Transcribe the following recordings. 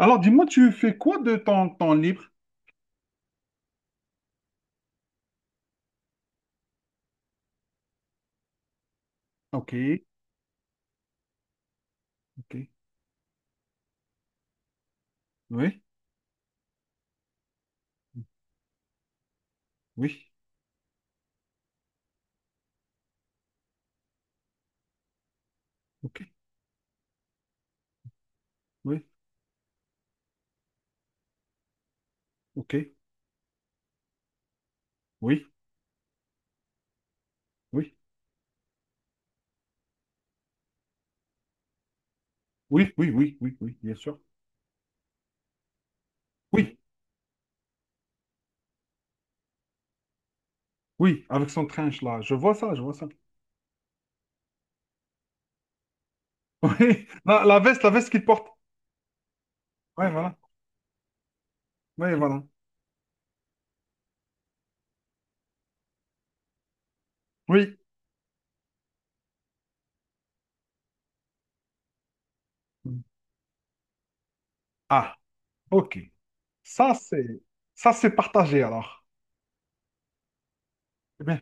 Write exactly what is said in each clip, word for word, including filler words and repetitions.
Alors, dis-moi, tu fais quoi de ton temps libre? Ok, ok, oui, oui, ok, oui, ok, oui, oui, oui, oui, oui, oui, oui, bien sûr. Oui, oui, avec son trench là, je vois ça, je vois ça. Oui, la, la veste, la veste qu'il porte. Oui, voilà, oui, voilà. Oui. Ah, ok. Ça, c'est ça, c'est partagé alors. C'est bien.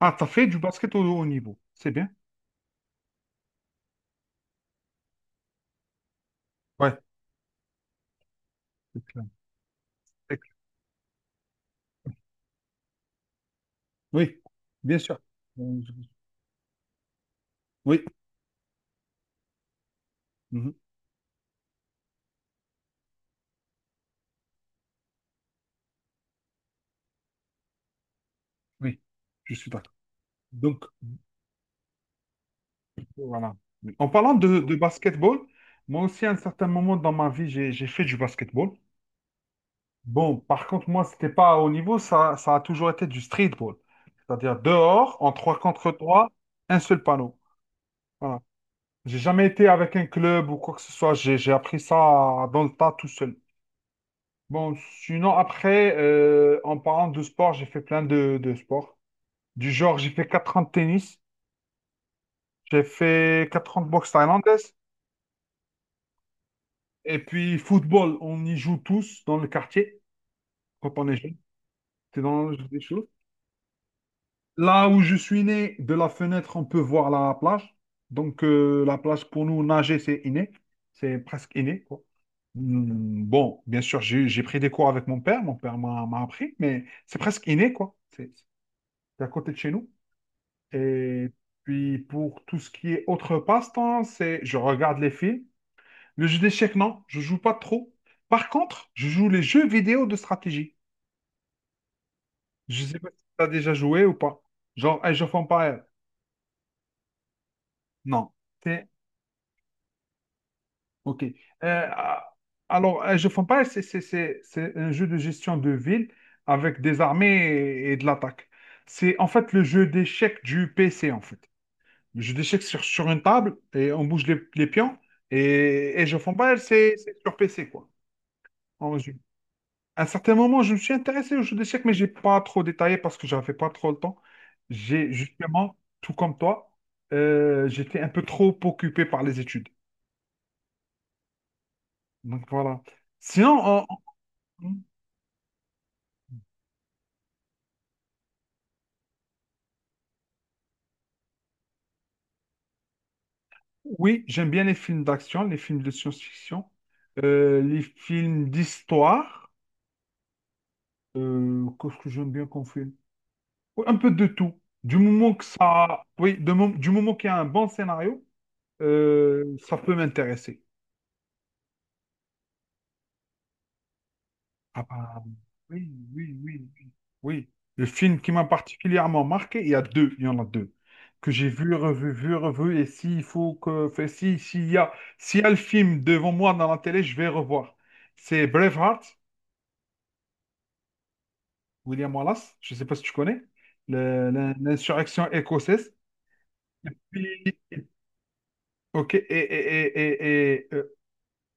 Ah, t'as fait du basket au haut niveau. C'est bien. Ouais, c'est clair, c'est clair. Oui, bien sûr. Euh, je- Oui, mhm, oui, je suis d'accord. Donc, voilà. En parlant de, de basketball, moi aussi, à un certain moment dans ma vie, j'ai, j'ai fait du basketball. Bon, par contre, moi, c'était pas à haut niveau, ça, ça a toujours été du streetball. C'est-à-dire dehors, en trois contre trois, un seul panneau. Voilà. J'ai jamais été avec un club ou quoi que ce soit, j'ai, j'ai appris ça dans le tas tout seul. Bon, sinon, après, euh, en parlant de sport, j'ai fait plein de, de sports. Du genre, j'ai fait quatre ans de tennis, j'ai fait quatre ans de boxe thaïlandaise, et puis, football, on y joue tous dans le quartier quand on est jeune. C'est dans le jeu des choses. Là où je suis né, de la fenêtre, on peut voir la plage. Donc, euh, la plage, pour nous, nager, c'est inné. C'est presque inné, quoi. Hmm, Bon, bien sûr, j'ai j'ai pris des cours avec mon père. Mon père m'a m'a appris, mais c'est presque inné, quoi. C'est c'est à côté de chez nous. Et puis, pour tout ce qui est autre passe-temps, c'est je regarde les films. Le jeu d'échecs, non, je joue pas trop. Par contre, je joue les jeux vidéo de stratégie. Je sais pas si tu as déjà joué ou pas. Genre Age of Empires. Non. C'est... Ok. Euh, ah, alors, Age of Empires, c'est c'est- c'est- c'est un jeu de gestion de ville avec des armées et, et de l'attaque. C'est en fait le jeu d'échecs du P C, en fait. Le jeu d'échecs sur, sur une table et on bouge les, les pions. Et Age of Empires, c'est c'est sur P C, quoi. En résumé. À un certain moment, je me suis intéressé au jeu d'échecs, mais j'ai pas trop détaillé parce que j'avais pas trop le temps. J'ai justement, tout comme toi, euh, j'étais un peu trop occupé par les études. Donc voilà. Sinon, en- en- oui, j'aime bien les films d'action, les films de science-fiction, euh, les films d'histoire. Euh, qu'est-ce que j'aime bien qu'on filme. Oui, un peu de tout. Du moment que ça, oui, de mom- du moment qu'il y a un bon scénario, euh, ça peut m'intéresser. Ah bah, oui, oui, oui, oui. Oui, le film qui m'a particulièrement marqué, il y a deux, il y en a deux, que j'ai vu, revu, vu, revu, et s'il faut que, fait, si, s'il y a, s'il y a le film devant moi dans la télé, je vais revoir. C'est Braveheart, William Wallace, je ne sais pas si tu connais, le- le- l'insurrection écossaise. Puis, ok, et, et, et, et, et, euh,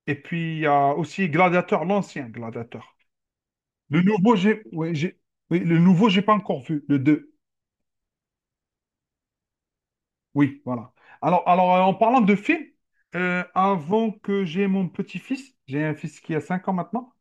et puis il y a aussi Gladiateur, l'ancien Gladiateur. Le nouveau, j'ai, oui, j'ai, oui, le nouveau, j'ai pas encore vu, le deux. Oui, voilà. Alors, alors euh, en parlant de films, euh, avant que j'ai mon petit-fils, j'ai un fils qui a cinq ans maintenant,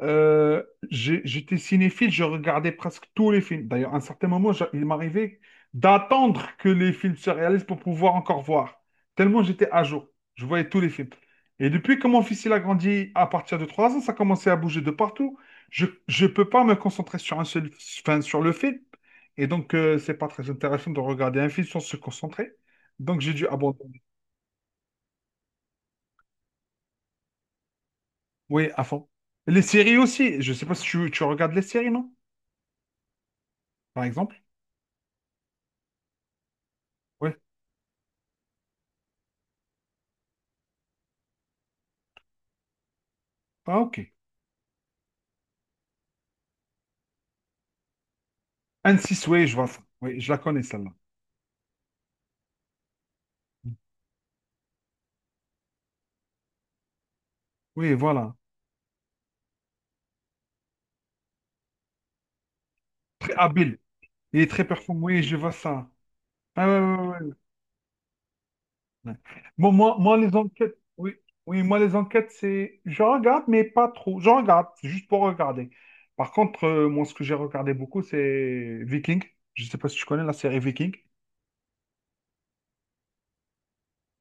euh, j'ai- j'étais cinéphile, je regardais presque tous les films. D'ailleurs, à un certain moment, j'a- il m'arrivait d'attendre que les films se réalisent pour pouvoir encore voir. Tellement j'étais à jour. Je voyais tous les films. Et depuis que mon fils il a grandi à partir de trois ans, ça commençait à bouger de partout. Je ne peux pas me concentrer sur un seul, enfin, sur le film. Et donc, euh, c'est pas très intéressant de regarder un film sans se concentrer. Donc, j'ai dû abandonner. Oui, à fond. Les séries aussi. Je sais pas si tu, tu regardes les séries, non? Par exemple. Oui. Ah, ok. anne six, oui, je vois ça. Oui, je la connais celle-là. Oui, voilà. Très habile. Il est très performant. Oui, je vois ça. Ah, ouais, ouais, ouais, ouais. Bon, moi, moi, les enquêtes, oui, oui, moi, les enquêtes, c'est. Je regarde, mais pas trop. Je regarde, c'est juste pour regarder. Par contre, euh, moi, ce que j'ai regardé beaucoup, c'est Viking. Je ne sais pas si tu connais la série Viking.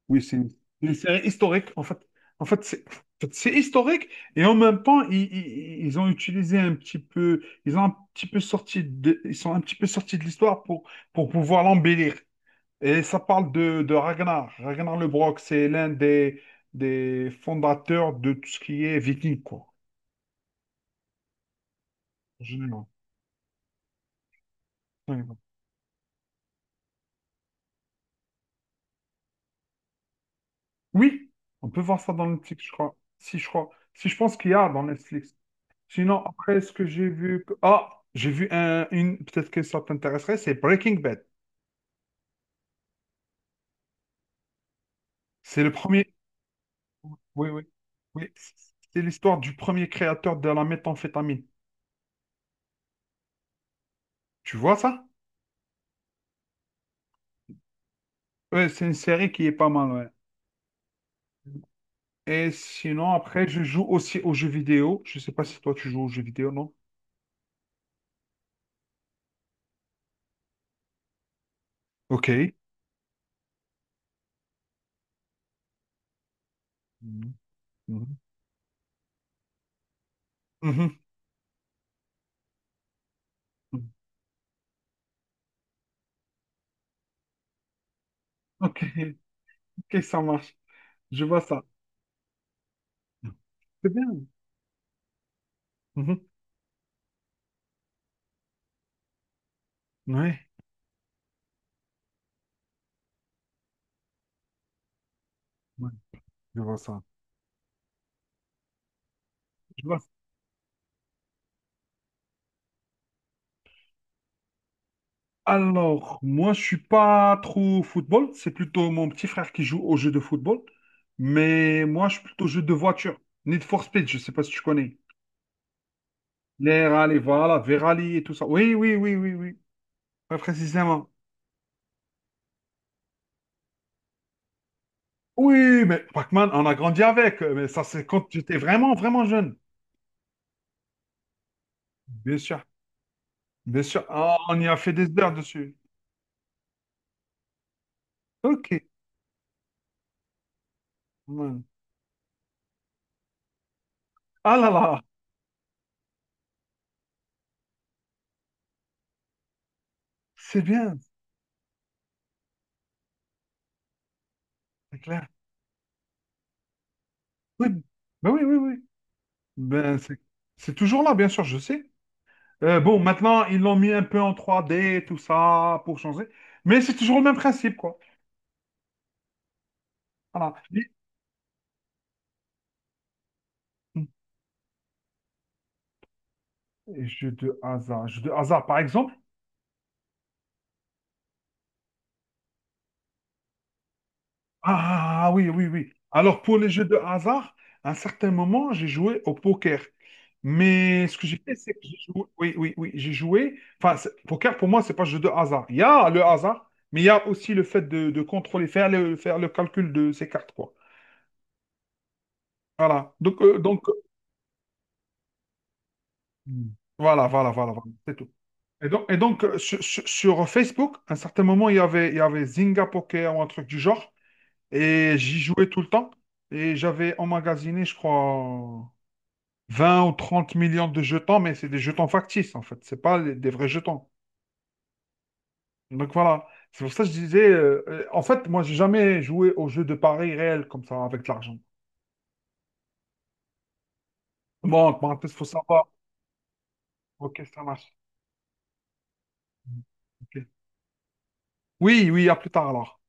Oui, c'est une, une série historique. En fait, en fait, c'est en fait, c'est historique et en même temps, ils, ils- ils ont utilisé un petit peu, ils ont un petit peu sorti de, ils sont un petit peu sortis de l'histoire pour, pour pouvoir l'embellir. Et ça parle de, de Ragnar. Ragnar Lodbrok, c'est l'un des, des fondateurs de tout ce qui est viking, quoi. En général. Oui, on peut voir ça dans Netflix, je crois. Si je crois, si je pense qu'il y a dans Netflix. Sinon, après, ce que j'ai vu... ah, j'ai vu un, une... peut-être que ça t'intéresserait, c'est Breaking Bad. C'est le premier... Oui, oui. Oui, c'est l'histoire du premier créateur de la méthamphétamine. Tu vois ça? Ouais, c'est une série qui est pas mal, ouais. Et sinon, après, je joue aussi aux jeux vidéo. Je sais pas si toi, tu joues aux jeux vidéo, non? Ok. Mhm. Mhm. Mhm. Ok, ok, ça marche. Je vois ça. C'est bien. Mhm. Ouais, ouais, je vois ça. Je vois Alors, moi, je suis pas trop football. C'est plutôt mon petit frère qui joue au jeu de football. Mais moi, je suis plutôt jeu de voiture. Need for Speed, je sais pas si tu connais. Les rallyes, voilà, Verali et tout ça. Oui, oui, oui, oui, oui. Pas précisément. Oui, mais Pac-Man, on a grandi avec. Mais ça, c'est quand j'étais vraiment, vraiment jeune. Bien sûr, bien sûr. Ah, on y a fait des heures dessus. Ok. Hmm. Ah là là, c'est bien, c'est clair. Oui, ben oui, oui, oui. Ben, c'est c'est toujours là, bien sûr, je sais. Euh, bon, maintenant, ils l'ont mis un peu en trois D, tout ça, pour changer. Mais c'est toujours le même principe, quoi. Voilà. Les- les jeux de hasard. Jeux de hasard, par exemple. Ah oui, oui, oui. Alors, pour les jeux de hasard, à un certain moment, j'ai joué au poker. Mais ce que j'ai fait, c'est que j'ai joué. Oui, oui, oui. J'ai joué. Enfin, c'est- poker, pour moi, c'est pas un jeu de hasard. Il y a le hasard, mais il y a aussi le fait de, de contrôler, faire le, faire le calcul de ses cartes, quoi. Voilà. Donc, euh, donc, euh, voilà, voilà, voilà, voilà. C'est tout. Et donc, et donc, euh, sur, sur- sur Facebook, à un certain moment, il y avait, il y avait Zynga Poker ou un truc du genre. Et j'y jouais tout le temps. Et j'avais emmagasiné, je crois, vingt ou trente millions de jetons, mais c'est des jetons factices, en fait. C'est pas les- des vrais jetons. Donc voilà. C'est pour ça que je disais, euh, euh, en fait, moi, j'ai jamais joué aux jeux de paris réels comme ça, avec de l'argent. Bon, en parenthèse, faut savoir. Ok, ça marche. Ok. Oui, oui, à plus tard alors.